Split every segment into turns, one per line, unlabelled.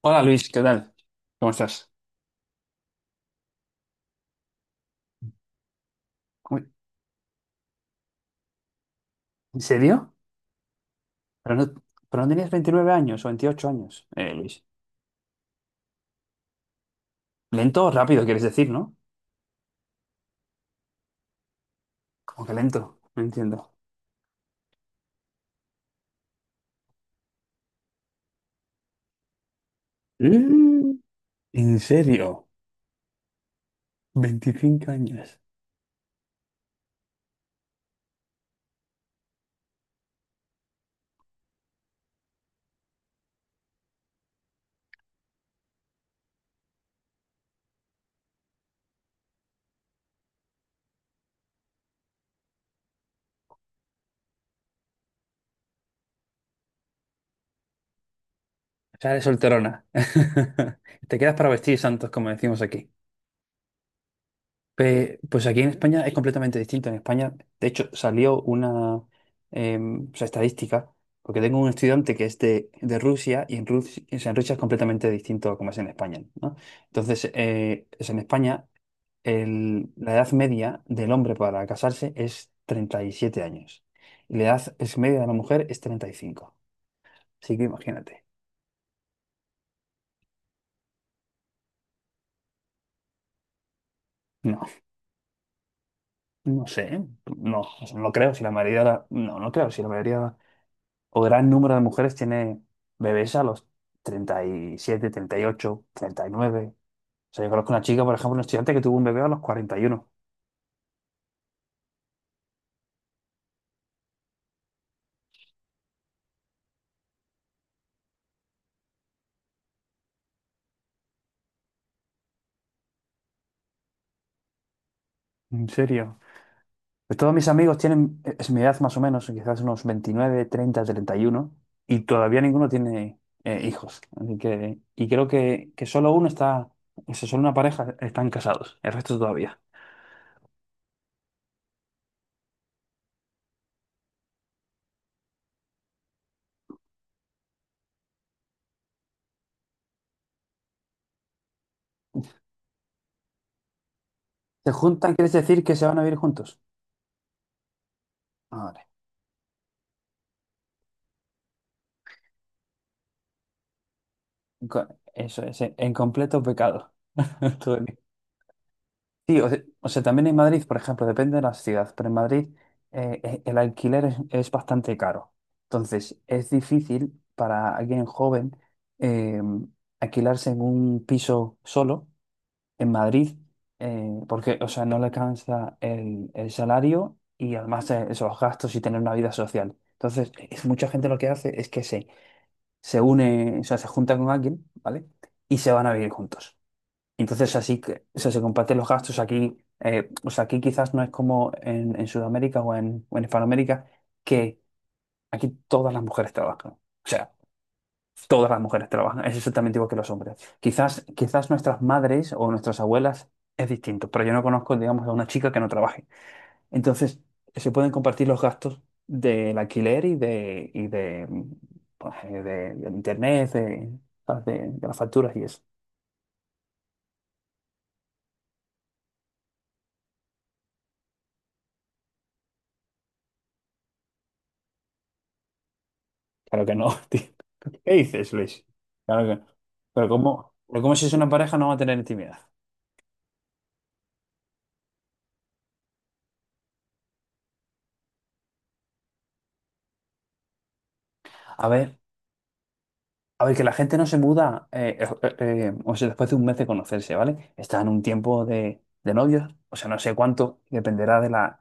Hola Luis, ¿qué tal? ¿Cómo estás? Uy, ¿en serio? Pero no, pero no tenías 29 años o 28 años, Luis. Lento o rápido, quieres decir, ¿no? Como que lento, no entiendo. Mm, ¿en serio? 25 años. O sea, eres solterona. Te quedas para vestir santos, como decimos aquí. Pues aquí en España es completamente distinto. En España, de hecho, salió una o sea, estadística, porque tengo un estudiante que es de Rusia y en Rusia es completamente distinto a como es en España, ¿no? Entonces, es en España la edad media del hombre para casarse es 37 años y la edad es media de la mujer es 35. Así que imagínate. No, no sé, ¿eh? No, o sea, no creo si la mayoría, no, no creo si la mayoría o gran número de mujeres tiene bebés a los treinta y siete, 38, 39. O sea, yo conozco una chica, por ejemplo, un estudiante que tuvo un bebé a los 41. ¿En serio? Pues todos mis amigos tienen, es mi edad más o menos, quizás unos 29, 30, 31, y todavía ninguno tiene hijos. Así que, y creo que solo uno está, o sea, solo una pareja están casados, el resto todavía. ¿Se juntan? ¿Quieres decir que se van a vivir juntos? Madre. Co- Eso es, en completo pecado. Todo- Sí, o sea, también en Madrid, por ejemplo, depende de la ciudad, pero en Madrid el alquiler es bastante caro. Entonces, es difícil para alguien joven eh, alquilarse en un piso solo en Madrid, porque, o sea, no le alcanza el salario y además esos gastos y tener una vida social. Entonces, mucha gente lo que hace es que se une, o sea, se junta con alguien, ¿vale? Y se van a vivir juntos. Entonces así que o sea, se comparten los gastos aquí. O sea, aquí quizás no es como en, Sudamérica o en Hispanoamérica, que aquí todas las mujeres trabajan. O sea, todas las mujeres trabajan. Es exactamente igual que los hombres. Quizás, quizás nuestras madres o nuestras abuelas es distinto, pero yo no conozco, digamos, a una chica que no trabaje. Entonces, se pueden compartir los gastos del alquiler y de, pues, del internet, de las facturas y eso. Claro que no, tío. ¿Qué dices, Luis? Claro que no. Pero ¿cómo si es una pareja no va a tener intimidad? A ver, a ver, que la gente no se muda, o sea, después de un mes de conocerse, ¿vale? Está en un tiempo de novios, o sea, no sé cuánto, dependerá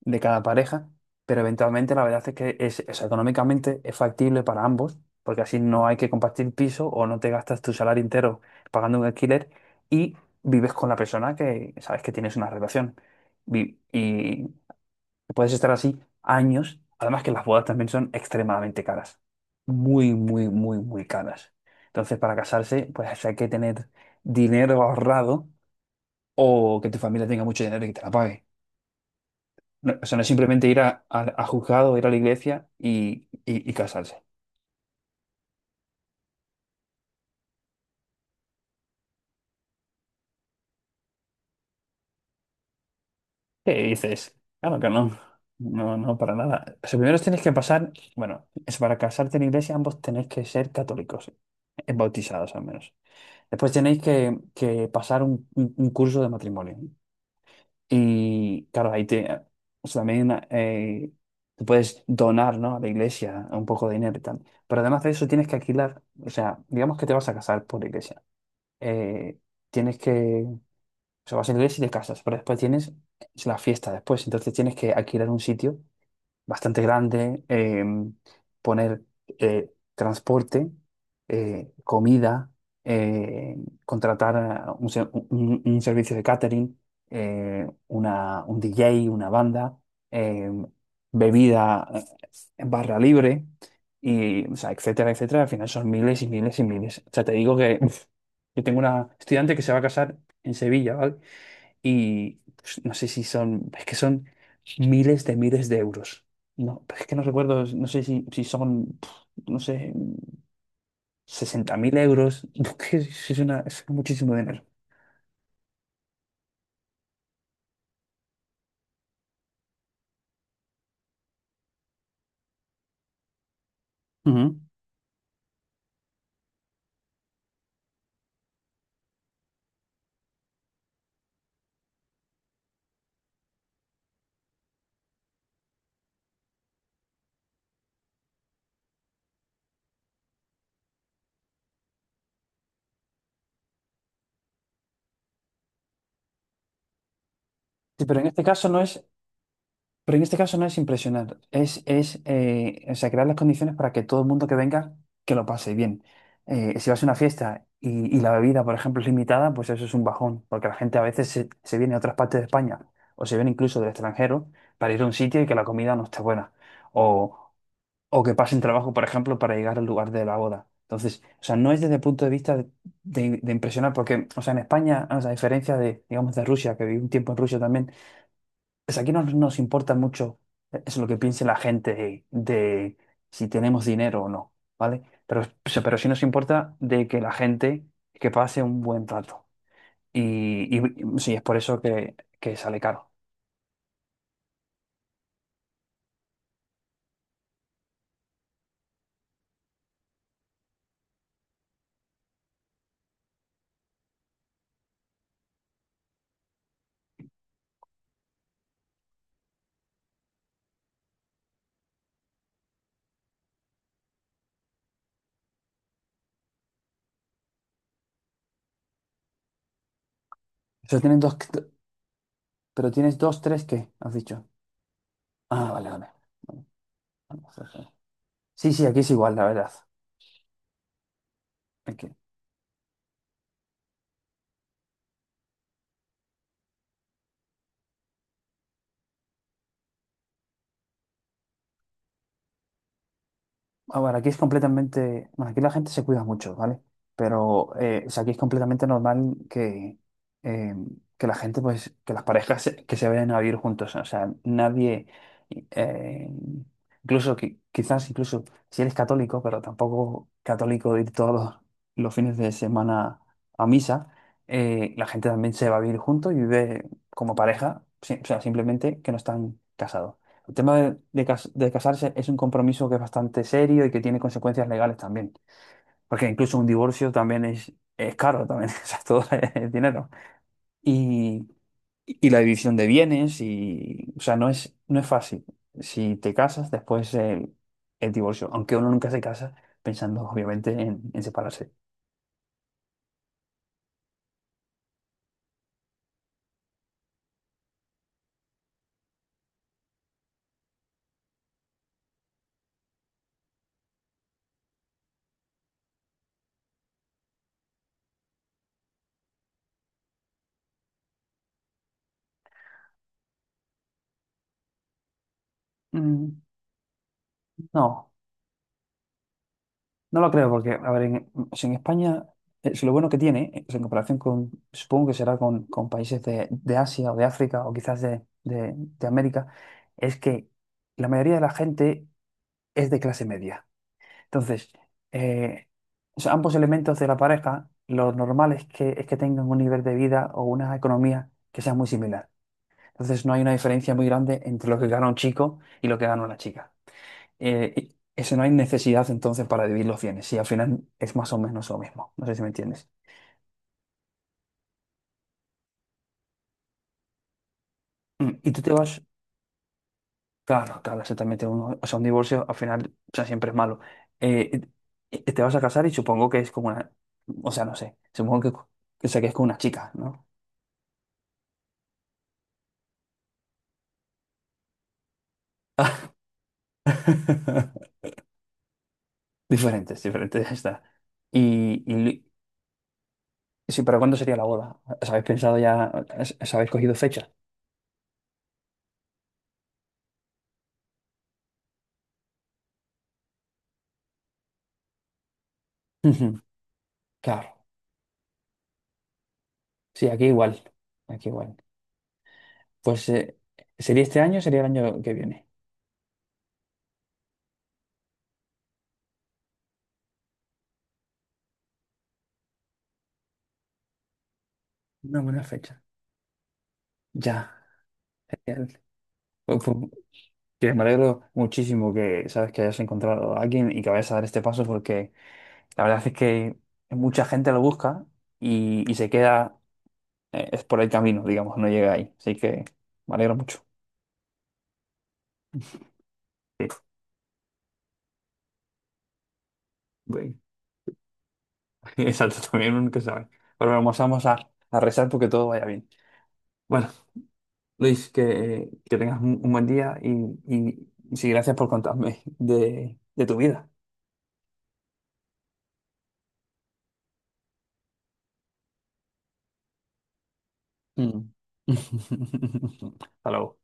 de cada pareja, pero eventualmente la verdad es que es económicamente es factible para ambos, porque así no hay que compartir piso o no te gastas tu salario entero pagando un alquiler y vives con la persona que sabes que tienes una relación. Vi- Y, Puedes estar así años. Además que las bodas también son extremadamente caras. Muy, muy, muy, muy caras. Entonces, para casarse, pues hay que tener dinero ahorrado o que tu familia tenga mucho dinero y que te la pague. No, o sea, no es simplemente ir a, a juzgado, ir a la iglesia y casarse. ¿Qué dices? Claro que no. No, no, para nada. O sea, primero tenéis que pasar, bueno, es para casarte en iglesia, ambos tenéis que ser católicos, bautizados al menos. Después tenéis que pasar un curso de matrimonio. Y claro, o sea, también te puedes donar, ¿no?, a la iglesia un poco de dinero y tal. Pero además de eso tienes que alquilar, o sea, digamos que te vas a casar por la iglesia. Eh, Tienes o sea, vas a la iglesia y te casas, pero después tienes la fiesta después. Entonces tienes que alquilar un sitio bastante grande, poner transporte, comida, eh, contratar a un un servicio de catering, un DJ, una banda, eh, bebida en barra libre, o sea, etcétera, etcétera. Al final son miles y miles y miles. O sea, te digo que yo tengo una estudiante que se va a casar en Sevilla, ¿vale?, y pues, no sé si son, es que son miles de euros. No, pero es que no recuerdo, no sé si son, no sé, 60.000 euros. Es que es es muchísimo dinero. Ujú. Sí, pero en este caso no es impresionar, es o sea, crear las condiciones para que todo el mundo que venga, que lo pase bien. Si vas a una fiesta y la bebida, por ejemplo, es limitada, pues eso es un bajón, porque la gente a veces se viene de otras partes de España o se viene incluso del extranjero para ir a un sitio y que la comida no esté buena. O, o que pasen trabajo, por ejemplo, para llegar al lugar de la boda. Entonces, o sea, no es desde el punto de vista de impresionar, porque, o sea, en España, o sea, a diferencia de, digamos, de Rusia, que viví un tiempo en Rusia también, pues aquí no nos importa mucho, eso es lo que piense la gente de si tenemos dinero o no, ¿vale? Pero, pero sí nos importa de que la gente que pase un buen rato. Y sí, es por eso que sale caro. eso tienen dos, pero tienes dos, tres, ¿qué?, has dicho. Ah, vale, vale. Sí, sí, aquí es igual, la verdad. Aquí. A ver, aquí es completamente, bueno, aquí la gente se cuida mucho, ¿vale? Pero o sea, aquí es completamente normal eh, que la gente, pues, que las parejas que se vayan a vivir juntos. O sea, nadie, eh, incluso, quizás incluso si eres católico, pero tampoco católico de ir todos los fines de semana a misa, la gente también se va a vivir juntos y vive como pareja, o sea, simplemente que no están casados. El tema de casarse es un compromiso que es bastante serio y que tiene consecuencias legales también, porque incluso un divorcio también es caro, también, o sea, todo es dinero. Y, y la división de bienes, o sea, no es fácil. Si te casas, después el divorcio, aunque uno nunca se casa pensando obviamente en separarse. Mm, no. No lo creo, porque, a ver, si en España, si lo bueno que tiene, pues en comparación con, supongo que será con países de Asia o de África o quizás de América, es que la mayoría de la gente es de clase media. Entonces, eh, o sea, ambos elementos de la pareja, lo normal es que tengan un nivel de vida o una economía que sea muy similar. Entonces, no hay una diferencia muy grande entre lo que gana un chico y lo que gana una chica. Y eso no hay necesidad entonces para dividir los bienes, si al final es más o menos lo mismo. No sé si me entiendes. Mm, y tú te vas, claro, claro, exactamente. Uno, o sea, un divorcio al final, o sea, siempre es malo. Eh, y y te vas a casar y supongo que es como una, o sea, no sé, supongo o sea, que es con una chica, ¿no? Diferentes, diferentes, ya está. Y, y li- sí, pero ¿cuándo sería la boda? ¿Os habéis pensado ya, os habéis cogido fecha? Ujú. Claro, sí, aquí igual, aquí igual. Pues sería este año, sería el año que viene. Una buena fecha. Ya. Genial. Pues, que me alegro muchísimo que sabes que hayas encontrado a alguien y que vayas a dar este paso porque la verdad es que mucha gente lo busca y se queda, es por el camino, digamos, no llega ahí. Así que me alegro mucho. Sí, bueno, exacto, también nunca sabe. Pero vamos, vamos a rezar porque todo vaya bien. Bueno. Luis, que tengas un buen día y sí, gracias por contarme de tu vida. Mm. Hasta luego.